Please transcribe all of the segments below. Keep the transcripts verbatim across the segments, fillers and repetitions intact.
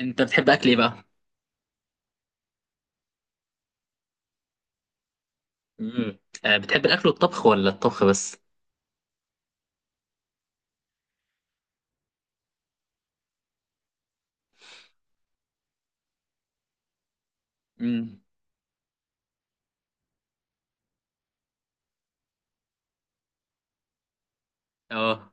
انت بتحب اكل ايه بقى؟ امم. آه، بتحب الاكل والطبخ ولا الطبخ بس؟ امم. اه.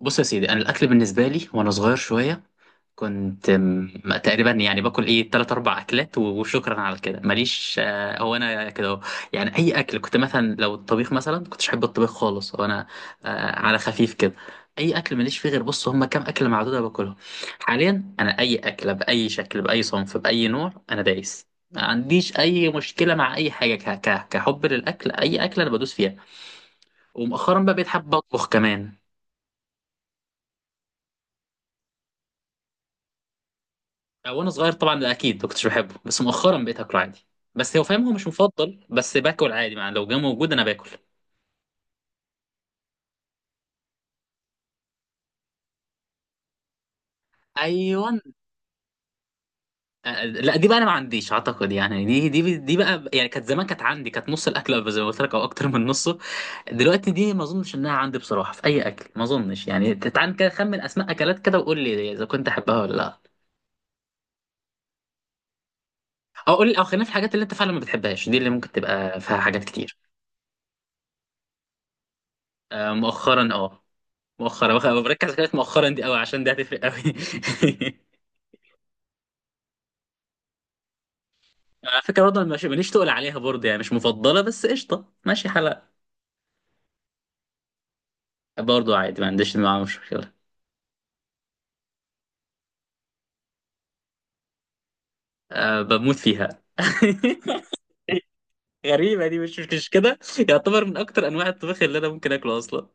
بص يا سيدي، انا الاكل بالنسبه لي وانا صغير شويه، كنت م- تقريبا يعني باكل ايه تلات اربع اكلات و- وشكرا على كده ماليش آه، هو انا كده أهو. يعني اي اكل، كنت مثلا لو الطبيخ مثلا كنتش احب الطبيخ خالص، هو انا آه، على خفيف كده. اي اكل ماليش فيه، غير بص، هما كام اكله معدوده باكلهم. حاليا انا اي اكله باي شكل، باي صنف، باي نوع، انا دايس، ما عنديش اي مشكله مع اي حاجه ك- ك- كحب للاكل، اي اكله انا بدوس فيها. ومؤخرا بقى بقيت حابب اطبخ كمان. آه، وانا صغير طبعا ده اكيد ما كنتش بحبه، بس مؤخرا بقيت اكله عادي. بس هو فاهم هو مش مفضل، بس باكل عادي، يعني لو جه موجود انا باكل. ايوه. آه، لا دي بقى انا ما عنديش اعتقد يعني، دي دي دي بقى يعني كانت زمان، كانت عندي، كانت نص الاكل زي ما قلت لك او اكتر من نصه. دلوقتي دي ما اظنش انها عندي بصراحه، في اي اكل ما اظنش. يعني تعال كده خمن اسماء اكلات كده وقول لي اذا كنت احبها ولا لا. او قول لي، او خلينا في الحاجات اللي انت فعلا ما بتحبهاش، دي اللي ممكن تبقى فيها حاجات كتير. آه، مؤخرا اه مؤخرا. بخ- بركز على كلمة مؤخرا دي قوي عشان دي هتفرق قوي. على فكرة برضه أنا مش، ماليش تقول عليها برضه، يعني مش مفضلة، بس قشطة ماشي حلقة. برضه عادي، ما عنديش معاها مشكلة. أه، بموت فيها. غريبة دي، مش مش كده. يعتبر من أكتر أنواع الطبخ اللي أنا ممكن أكله أصلا.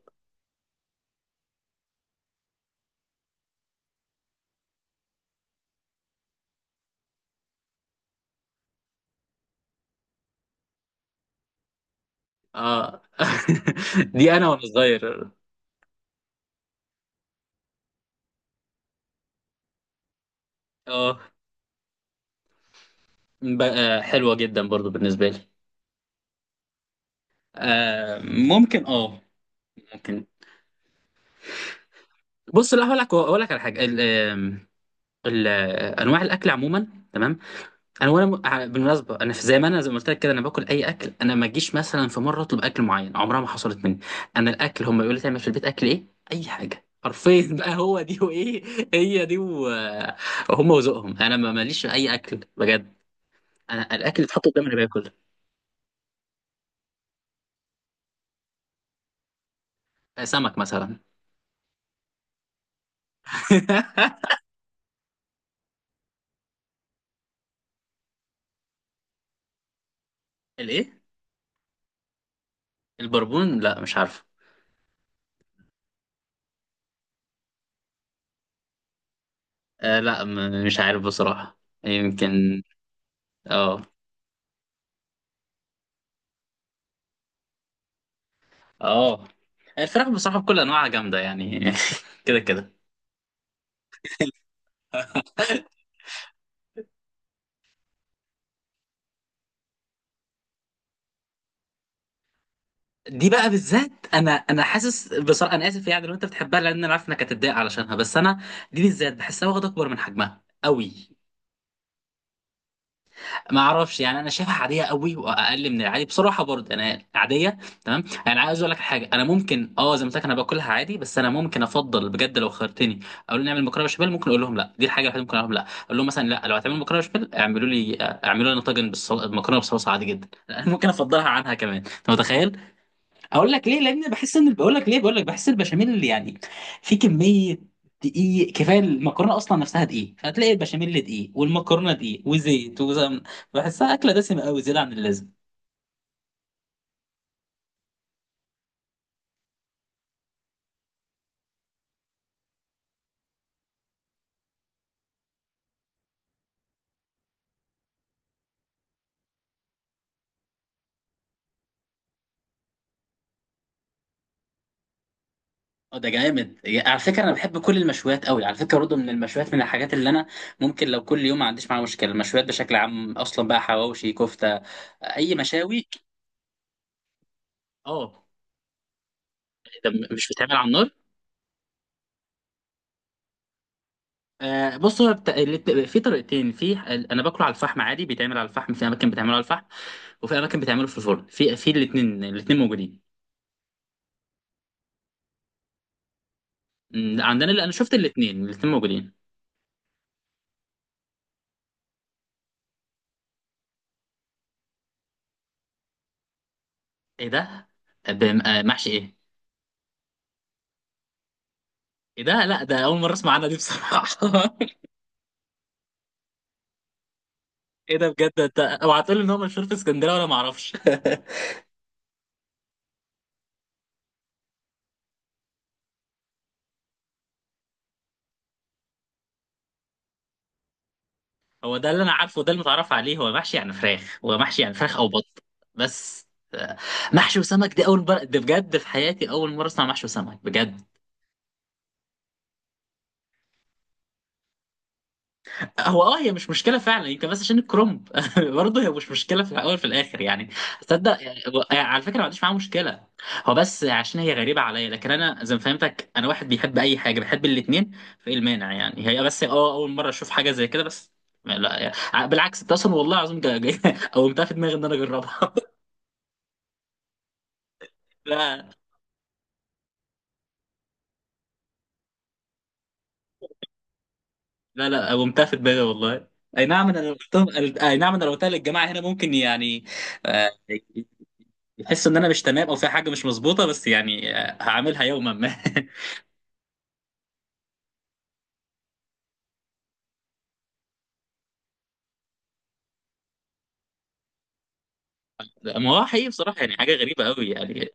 اه. دي أنا وأنا صغير. اه، ب- آه، حلوة جدا برضه بالنسبة لي. آه، ممكن، اه ممكن. بص لا، هقول لك هقول لك على حاجة، ال- آم، ال- آه، أنواع الأكل عموما. تمام. انا وانا م- ع- بالمناسبه، انا في- زي ما انا زي ما قلت لك كده، انا باكل اي اكل. انا ما اجيش مثلا في مره اطلب اكل معين، عمرها ما حصلت مني. انا الاكل هم يقولوا لي تعمل في البيت اكل ايه. اي حاجه حرفيا. بقى هو دي وايه، هي دي وهم وذوقهم. انا ما ماليش في اي اكل بجد. انا الاكل اللي اتحط قدامي انا باكل. آه، سمك مثلا. الايه؟ البربون؟ لا مش عارف. آه لا، م- مش عارف بصراحه. يمكن. اه. اه، الفراخ بصراحه بكل انواعها جامده يعني. كده كده. دي بقى بالذات، انا انا حاسس بصراحه، انا اسف يعني لو انت بتحبها، لان انا عارف انك هتتضايق علشانها، بس انا دي بالذات بحسها واخده اكبر من حجمها قوي. ما اعرفش يعني، انا شايفها عاديه قوي، واقل من العادي بصراحه، برضه انا عاديه. تمام، يعني عايز اقول لك حاجه، انا ممكن، اه زي ما قلت لك، انا باكلها عادي، بس انا ممكن افضل بجد لو خيرتني، اقول لهم نعمل مكرونه بشاميل. ممكن اقول لهم لا، دي الحاجه الوحيده ممكن اقول لهم لا، اقول لهم مثلا لا، لو هتعملوا مكرونه بشاميل اعملوا لي، آه، اعملوا لنا طاجن بالصل... مكرونه بصلصه عادي جدا. ممكن افضلها عنها كمان، انت متخيل؟ اقول لك ليه، لان بحس ان، بقول لك ليه بقول لك بحس البشاميل اللي يعني في كميه دقيق كفايه. المكرونه اصلا نفسها دقيق، فتلاقي البشاميل دقيق والمكرونه دقيق وزيت وسمن. بحسها اكله دسمه قوي، زياده عن اللازم. اه ده جامد، يا- على فكره انا بحب كل المشويات قوي. على فكره برضه من المشويات، من الحاجات اللي انا ممكن لو كل يوم ما عنديش معاها مشكله، المشويات بشكل عام اصلا، بقى حواوشي، كفته، اي مشاوي. اه، ده م- مش بتعمل على النار؟ آه، بص هو بت... الت- في طريقتين. في انا باكله على الفحم عادي، بيتعمل على الفحم في اماكن، بتعمله على الفحم، وفي اماكن بتعمله في الفرن، في في الاثنين، الاثنين موجودين. أمم، عندنا اللي انا شفت الاثنين، الاثنين موجودين. ايه ده؟ بم- آه، محشي ايه؟ ايه ده؟ لا، ده اول مره اسمع عنها دي بصراحه. ايه ده؟ بجد؟ انت اوعى تقول لي ان هو مشهور في اسكندريه وانا ما اعرفش. هو ده اللي انا عارفه، وده المتعرف عليه، هو محشي يعني فراخ، هو محشي يعني فراخ او بط. بس. آه، محشي وسمك دي اول مره، ده بجد في حياتي اول مره اسمع محشي وسمك بجد. هو اه، هي مش مشكله فعلا يمكن، بس عشان الكرومب. برضه هي مش مشكله، في الاول في الاخر يعني، تصدق يعني هو- على فكره ما عنديش معاها مشكله. هو بس عشان هي غريبه عليا، لكن انا زي ما فهمتك انا واحد بيحب اي حاجه، بحب الاثنين، فايه المانع يعني؟ هي بس اه اول مره اشوف حاجه زي كده بس. لا، يعني بالعكس ده اصلا، والله العظيم جا- جا- قومتها في دماغي ان انا اجربها. لا، لا، لا، قومتها في دماغي والله. اي نعم انا لو قلتهم، اي نعم انا لو قلتها للجماعه هنا، ممكن يعني، آه، بحس ان انا مش تمام، او في حاجه مش مظبوطه، بس يعني آه، هعملها يوما ما. ما هو حقيقي بصراحه، يعني حاجه غريبه قوي يعني.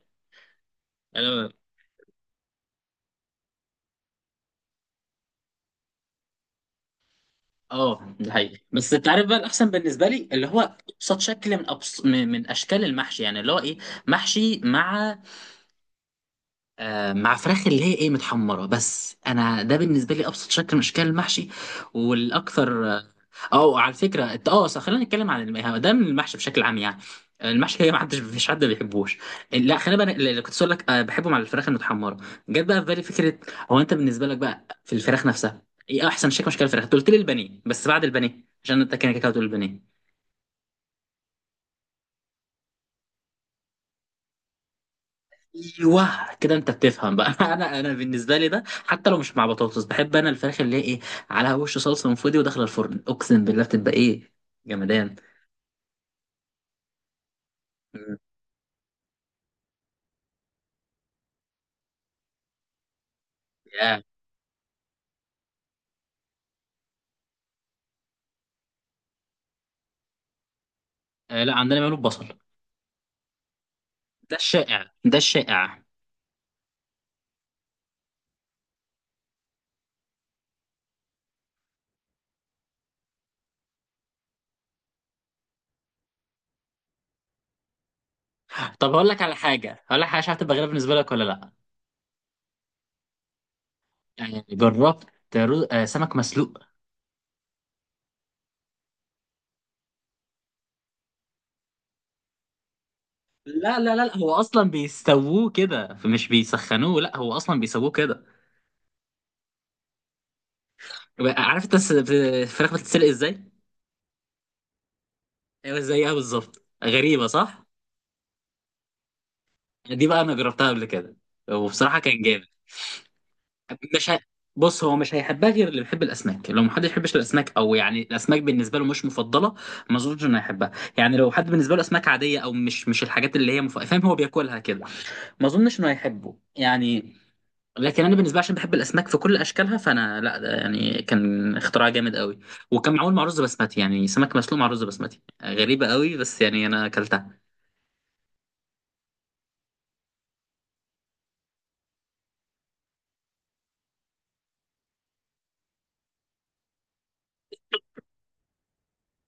انا اه، ده حقيقي، بس انت عارف بقى الاحسن بالنسبه لي اللي هو ابسط شكل من أبس... من من اشكال المحشي، يعني اللي هو ايه، محشي مع، آه، مع فراخ اللي هي ايه، متحمره. بس انا ده بالنسبه لي ابسط شكل من اشكال المحشي، والاكثر اه أو، على فكره إنت- اه صح، خلينا نتكلم عن الم- ده من المحشي بشكل عام يعني. المحشي هي، ما حدش مفيش حد ما بيحبوش. لا، خلينا بقى اللي كنت اقول لك، آه، بحبه مع الفراخ المتحمره. جت بقى في بالي فكره، هو انت بالنسبه لك بقى في الفراخ نفسها، ايه احسن شكل من اشكال الفراخ؟ أنت قلت لي البانيه، بس بعد البانيه، عشان انت كده كده هتقول البانيه. ايوه كده، انت بتفهم بقى. انا، انا بالنسبه لي ده حتى لو مش مع بطاطس، بحب انا الفراخ اللي هي ايه، على وش صلصه من فودي وداخله الفرن، اقسم بالله بتبقى ايه، جمدان. مم. يا آه، لا عندنا بيعملوا ببصل، ده الشائع، ده الشائع. طب هقول لك على حاجه، هقول لك حاجه مش عارف تبقى غريبه بالنسبه لك ولا لا، يعني جربت رز... آه، سمك مسلوق؟ لا، لا، لا، لا، هو اصلا بيستووه كده فمش بيسخنوه، لا هو اصلا بيسووه كده. عارف انت الس- الفراخ بتتسلق ازاي؟ ايوه، زيها بالظبط، غريبه صح؟ دي بقى انا جربتها قبل كده، وبصراحه كان جامد. مش ه... بص هو مش هيحبها غير اللي بيحب الاسماك، لو محدش يحبش الاسماك، او يعني الاسماك بالنسبه له مش مفضله، ما اظنش انه هيحبها. يعني لو حد بالنسبه له اسماك عاديه، او مش مش الحاجات اللي هي مف... فاهم، هو بياكلها كده، ما اظنش انه هيحبه يعني. لكن انا بالنسبه لي، عشان بحب الاسماك في كل اشكالها، فانا لا، ده يعني كان اختراع جامد قوي. وكان معمول مع رز بسمتي، يعني سمك مسلوق مع رز بسمتي غريبه قوي، بس يعني انا اكلتها.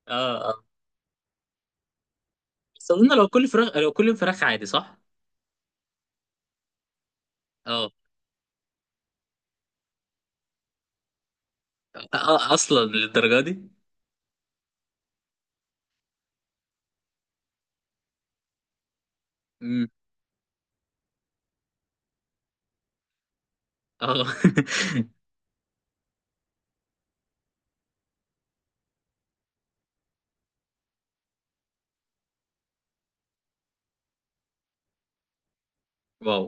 اه، اه. بس اظن لو كل فراخ لو كل فراخ عادي صح. اه. أ- اصلا للدرجه دي؟ امم. اه. واو.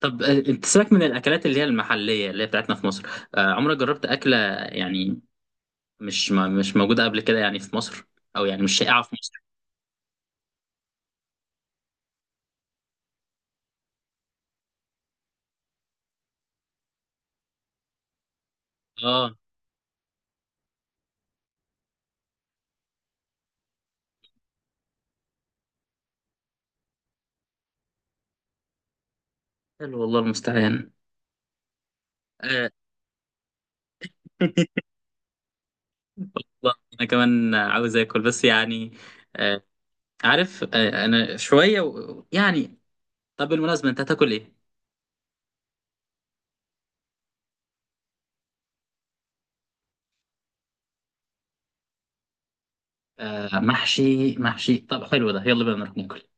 طب آه، انت سيبك من الاكلات اللي هي المحليه اللي هي بتاعتنا في مصر، آه، عمرك جربت اكله يعني مش ما مش موجوده قبل كده يعني في مصر، او يعني مش شائعه في مصر؟ اه، حلو، والله المستعان. آه، والله انا كمان عاوز اكل بس يعني، آه، عارف، آه، انا شويه و... يعني. طب بالمناسبه انت هتاكل ايه؟ آه، محشي، محشي؟ طب حلو ده، يلا بينا نروح ناكل.